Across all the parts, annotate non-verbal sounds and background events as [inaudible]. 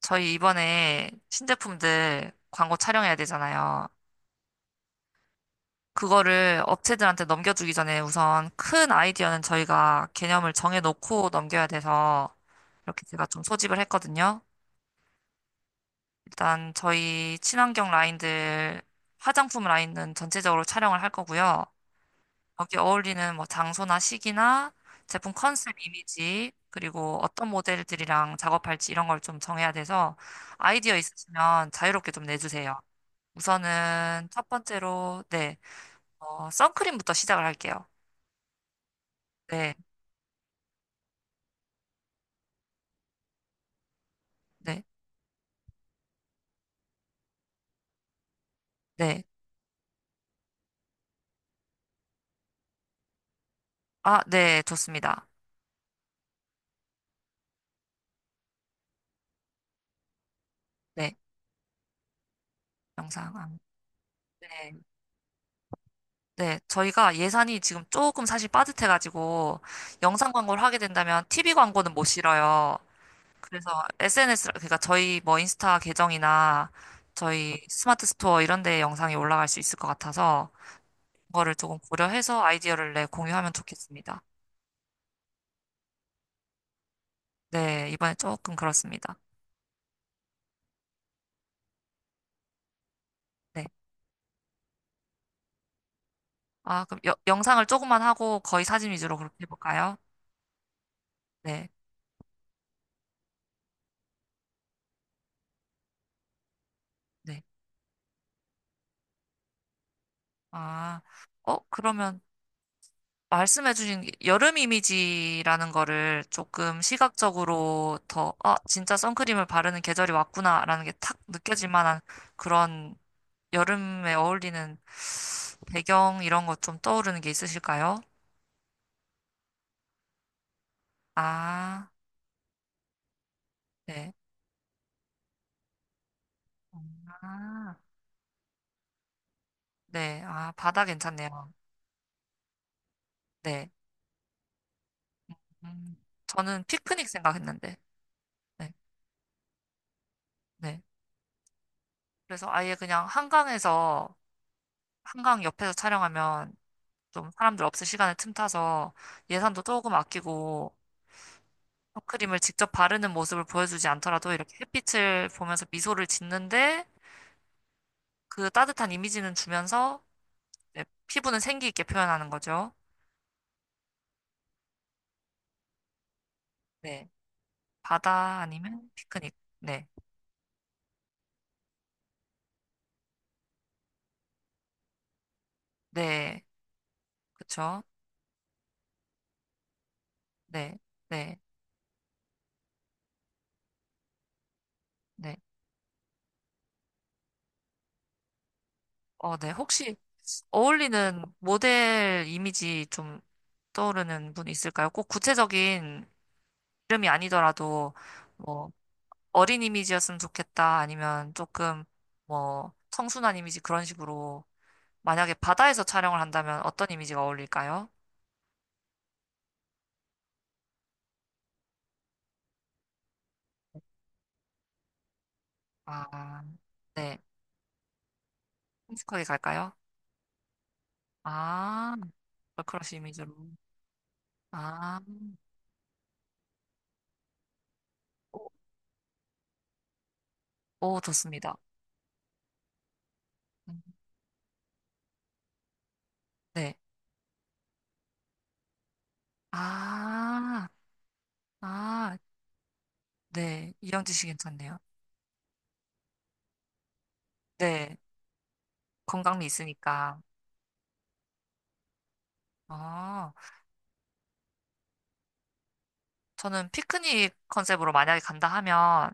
저희 이번에 신제품들 광고 촬영해야 되잖아요. 그거를 업체들한테 넘겨주기 전에 우선 큰 아이디어는 저희가 개념을 정해놓고 넘겨야 돼서 이렇게 제가 좀 소집을 했거든요. 일단 저희 친환경 라인들, 화장품 라인은 전체적으로 촬영을 할 거고요. 여기 어울리는 뭐 장소나 시기나 제품 컨셉 이미지, 그리고 어떤 모델들이랑 작업할지 이런 걸 좀 정해야 돼서 아이디어 있으시면 자유롭게 좀 내주세요. 우선은 첫 번째로, 네, 선크림부터 시작을 할게요. 네, 네, 네. 아, 네, 좋습니다. 네, 영상. 네, 네. 저희가 예산이 지금 조금 사실 빠듯해가지고 영상 광고를 하게 된다면 TV 광고는 못 실어요. 그래서 SNS, 그러니까 저희 뭐 인스타 계정이나 저희 스마트 스토어 이런 데 영상이 올라갈 수 있을 것 같아서 그거를 조금 고려해서 아이디어를 내 공유하면 좋겠습니다. 네, 이번에 조금 그렇습니다. 네. 아, 그럼 영상을 조금만 하고 거의 사진 위주로 그렇게 해볼까요? 네, 네. 아, 그러면 말씀해주신 게 여름 이미지라는 거를 조금 시각적으로 더, 아, 진짜 선크림을 바르는 계절이 왔구나라는 게 탁 느껴질 만한 그런 여름에 어울리는 배경 이런 것 좀 떠오르는 게 있으실까요? 아, 네. 아, 네. 아, 바다 괜찮네요. 네. 음, 저는 피크닉 생각했는데. 네. 네. 그래서 아예 그냥 한강에서, 한강 옆에서 촬영하면 좀 사람들 없을 시간에 틈타서 예산도 조금 아끼고 선크림을 직접 바르는 모습을 보여주지 않더라도 이렇게 햇빛을 보면서 미소를 짓는데 그 따뜻한 이미지는 주면서 이제 피부는 생기 있게 표현하는 거죠. 네. 바다 아니면 피크닉. 네. 네. 그쵸. 네. 네. 네. 네. 혹시 어울리는 모델 이미지 좀 떠오르는 분 있을까요? 꼭 구체적인 이름이 아니더라도 뭐 어린 이미지였으면 좋겠다 아니면 조금 뭐 청순한 이미지 그런 식으로 만약에 바다에서 촬영을 한다면 어떤 이미지가 어울릴까요? 아, 네. 큼직하게 갈까요? 아, 걸크러쉬 이미지로. 아, 오, 오, 좋습니다. 음, 네. 아, 아, 네. 이영지 씨 괜찮네요. 네. 건강미 있으니까. 어, 저는 피크닉 컨셉으로 만약에 간다 하면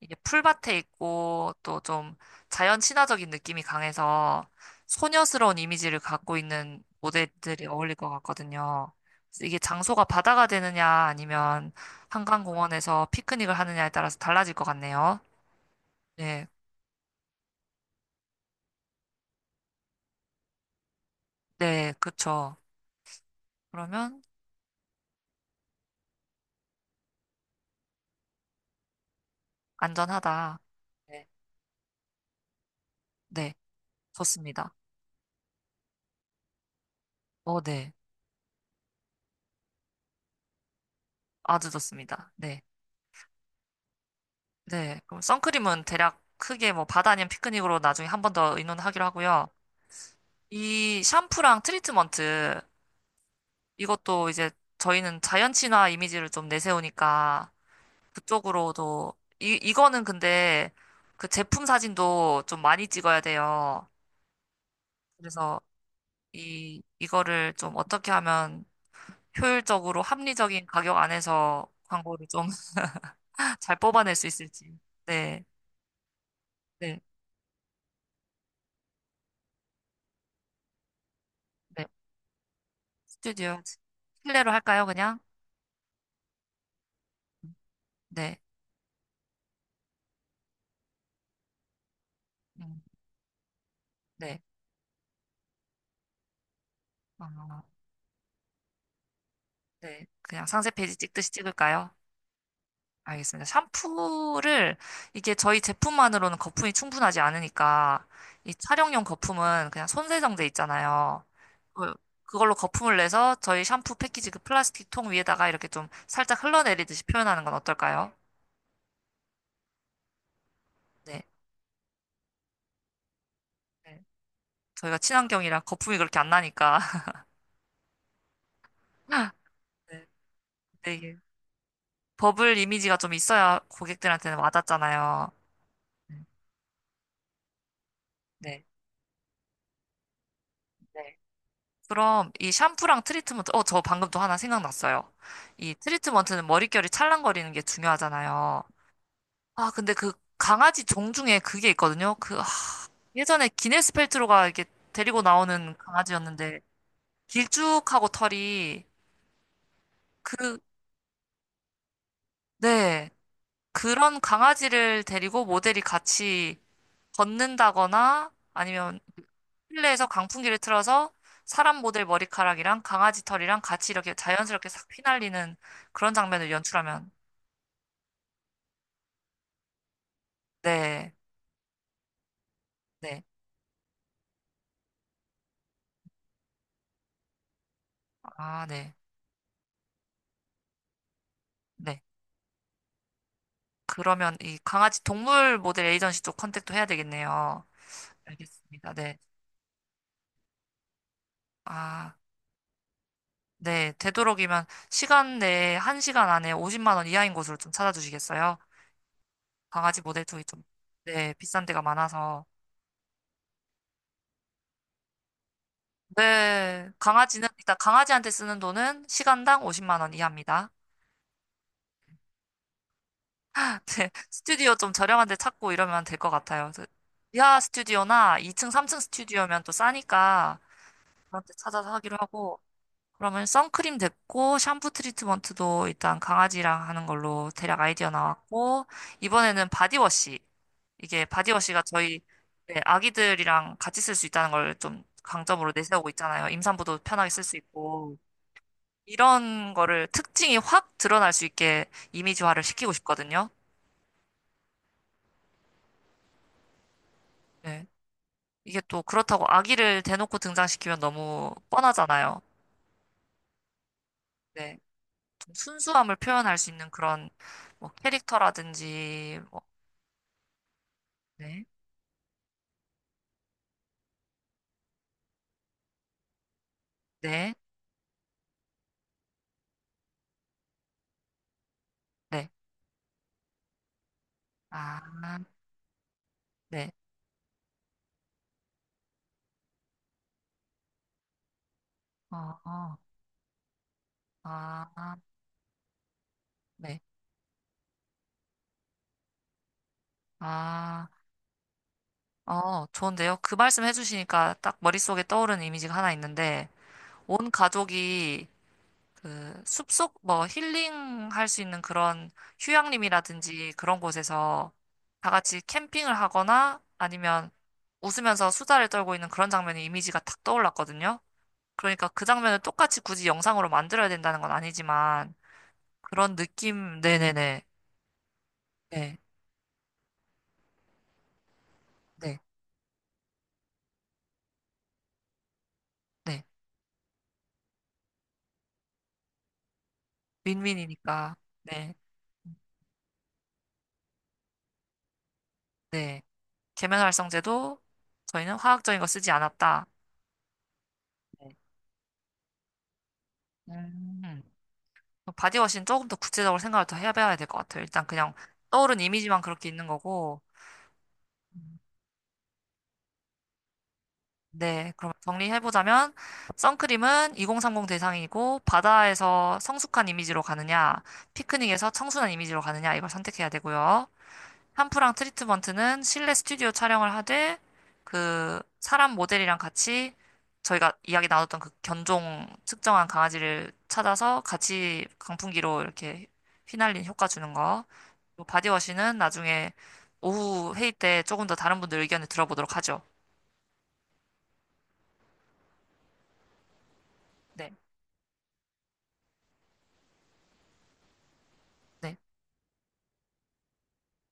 이게 풀밭에 있고 또 좀 자연 친화적인 느낌이 강해서 소녀스러운 이미지를 갖고 있는 모델들이 어울릴 것 같거든요. 그래서 이게 장소가 바다가 되느냐 아니면 한강공원에서 피크닉을 하느냐에 따라서 달라질 것 같네요. 네, 네, 그쵸. 그러면 안전하다. 네, 네, 좋습니다. 네, 아주 좋습니다. 네, 네. 그럼 선크림은 대략 크게 뭐 바다 아니면 피크닉으로 나중에 한 번 더 의논하기로 하고요. 이 샴푸랑 트리트먼트 이것도 이제 저희는 자연 친화 이미지를 좀 내세우니까 그쪽으로도 이 이거는 근데 그 제품 사진도 좀 많이 찍어야 돼요. 그래서 이 이거를 좀 어떻게 하면 효율적으로 합리적인 가격 안에서 광고를 좀 [laughs] 잘 뽑아낼 수 있을지. 네, 네, 네. 스튜디오 실내로 할까요, 그냥? 네, 음, 네, 어, 네. 그냥 상세 페이지 찍듯이 찍을까요? 알겠습니다. 샴푸를 이게 저희 제품만으로는 거품이 충분하지 않으니까 이 촬영용 거품은 그냥 손세정제 있잖아요. 그- 그걸로 거품을 내서 저희 샴푸 패키지 그 플라스틱 통 위에다가 이렇게 좀 살짝 흘러내리듯이 표현하는 건 어떨까요? 네. 네. 저희가 친환경이라 거품이 그렇게 안 나니까. [laughs] 네. 근데 이게 버블 이미지가 좀 있어야 고객들한테는 와닿잖아요. 음. 네. 네. 그럼 이 샴푸랑 트리트먼트, 저 방금 또 하나 생각났어요. 이 트리트먼트는 머릿결이 찰랑거리는 게 중요하잖아요. 아, 근데 그 강아지 종 중에 그게 있거든요. 예전에 기네스 펠트로가 이렇게 데리고 나오는 강아지였는데, 길쭉하고 털이, 그, 네. 그런 강아지를 데리고 모델이 같이 걷는다거나, 아니면 실내에서 강풍기를 틀어서 사람 모델 머리카락이랑 강아지 털이랑 같이 이렇게 자연스럽게 싹 휘날리는 그런 장면을 연출하면 네, 네. 아, 네, 네. 그러면 이 강아지 동물 모델 에이전시 쪽 컨택도 해야 되겠네요. 알겠습니다. 네. 아, 네. 되도록이면 시간 내에, 1시간 안에 50만 원 이하인 곳으로 좀 찾아주시겠어요? 강아지 모델 쪽이 좀, 네, 비싼 데가 많아서. 네. 강아지는, 일단 강아지한테 쓰는 돈은 시간당 50만 원 이하입니다. [laughs] 네. 스튜디오 좀 저렴한 데 찾고 이러면 될 것 같아요. 그래서 지하 스튜디오나 2층, 3층 스튜디오면 또 싸니까 그런 데 찾아서 하기로 하고, 그러면 선크림 됐고, 샴푸 트리트먼트도 일단 강아지랑 하는 걸로 대략 아이디어 나왔고, 이번에는 바디워시. 이게 바디워시가 저희 네, 아기들이랑 같이 쓸 수 있다는 걸 좀 강점으로 내세우고 있잖아요. 임산부도 편하게 쓸 수 있고. 이런 거를 특징이 확 드러날 수 있게 이미지화를 시키고 싶거든요. 네. 이게 또 그렇다고 아기를 대놓고 등장시키면 너무 뻔하잖아요. 네. 좀 순수함을 표현할 수 있는 그런 뭐 캐릭터라든지 뭐, 네. 네, 네, 아, 네, 어, 어, 아, 네, 아, 좋은데요? 그 말씀 해주시니까 딱 머릿속에 떠오르는 이미지가 하나 있는데, 온 가족이 그 숲속 뭐 힐링 할 수 있는 그런 휴양림이라든지 그런 곳에서 다 같이 캠핑을 하거나 아니면 웃으면서 수다를 떨고 있는 그런 장면의 이미지가 탁 떠올랐거든요. 그러니까 그 장면을 똑같이 굳이 영상으로 만들어야 된다는 건 아니지만, 그런 느낌, 네네네. 네, 네, 네. 윈윈이니까. 네, 네. 계면활성제도 저희는 화학적인 거 쓰지 않았다. 네. 음. 바디워시는 조금 더 구체적으로 생각을 더 해봐야 될 것 같아요. 일단 그냥 떠오른 이미지만 그렇게 있는 거고. 음. 네, 그럼 정리해보자면, 선크림은 2030 대상이고, 바다에서 성숙한 이미지로 가느냐, 피크닉에서 청순한 이미지로 가느냐, 이걸 선택해야 되고요. 한프랑 트리트먼트는 실내 스튜디오 촬영을 하되 그 사람 모델이랑 같이 저희가 이야기 나눴던 그 견종 특정한 강아지를 찾아서 같이 강풍기로 이렇게 휘날린 효과 주는 거. 그리고 바디워시는 나중에 오후 회의 때 조금 더 다른 분들 의견을 들어보도록 하죠. 네. 네.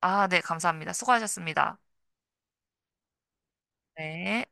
아, 네. 감사합니다. 수고하셨습니다. 네.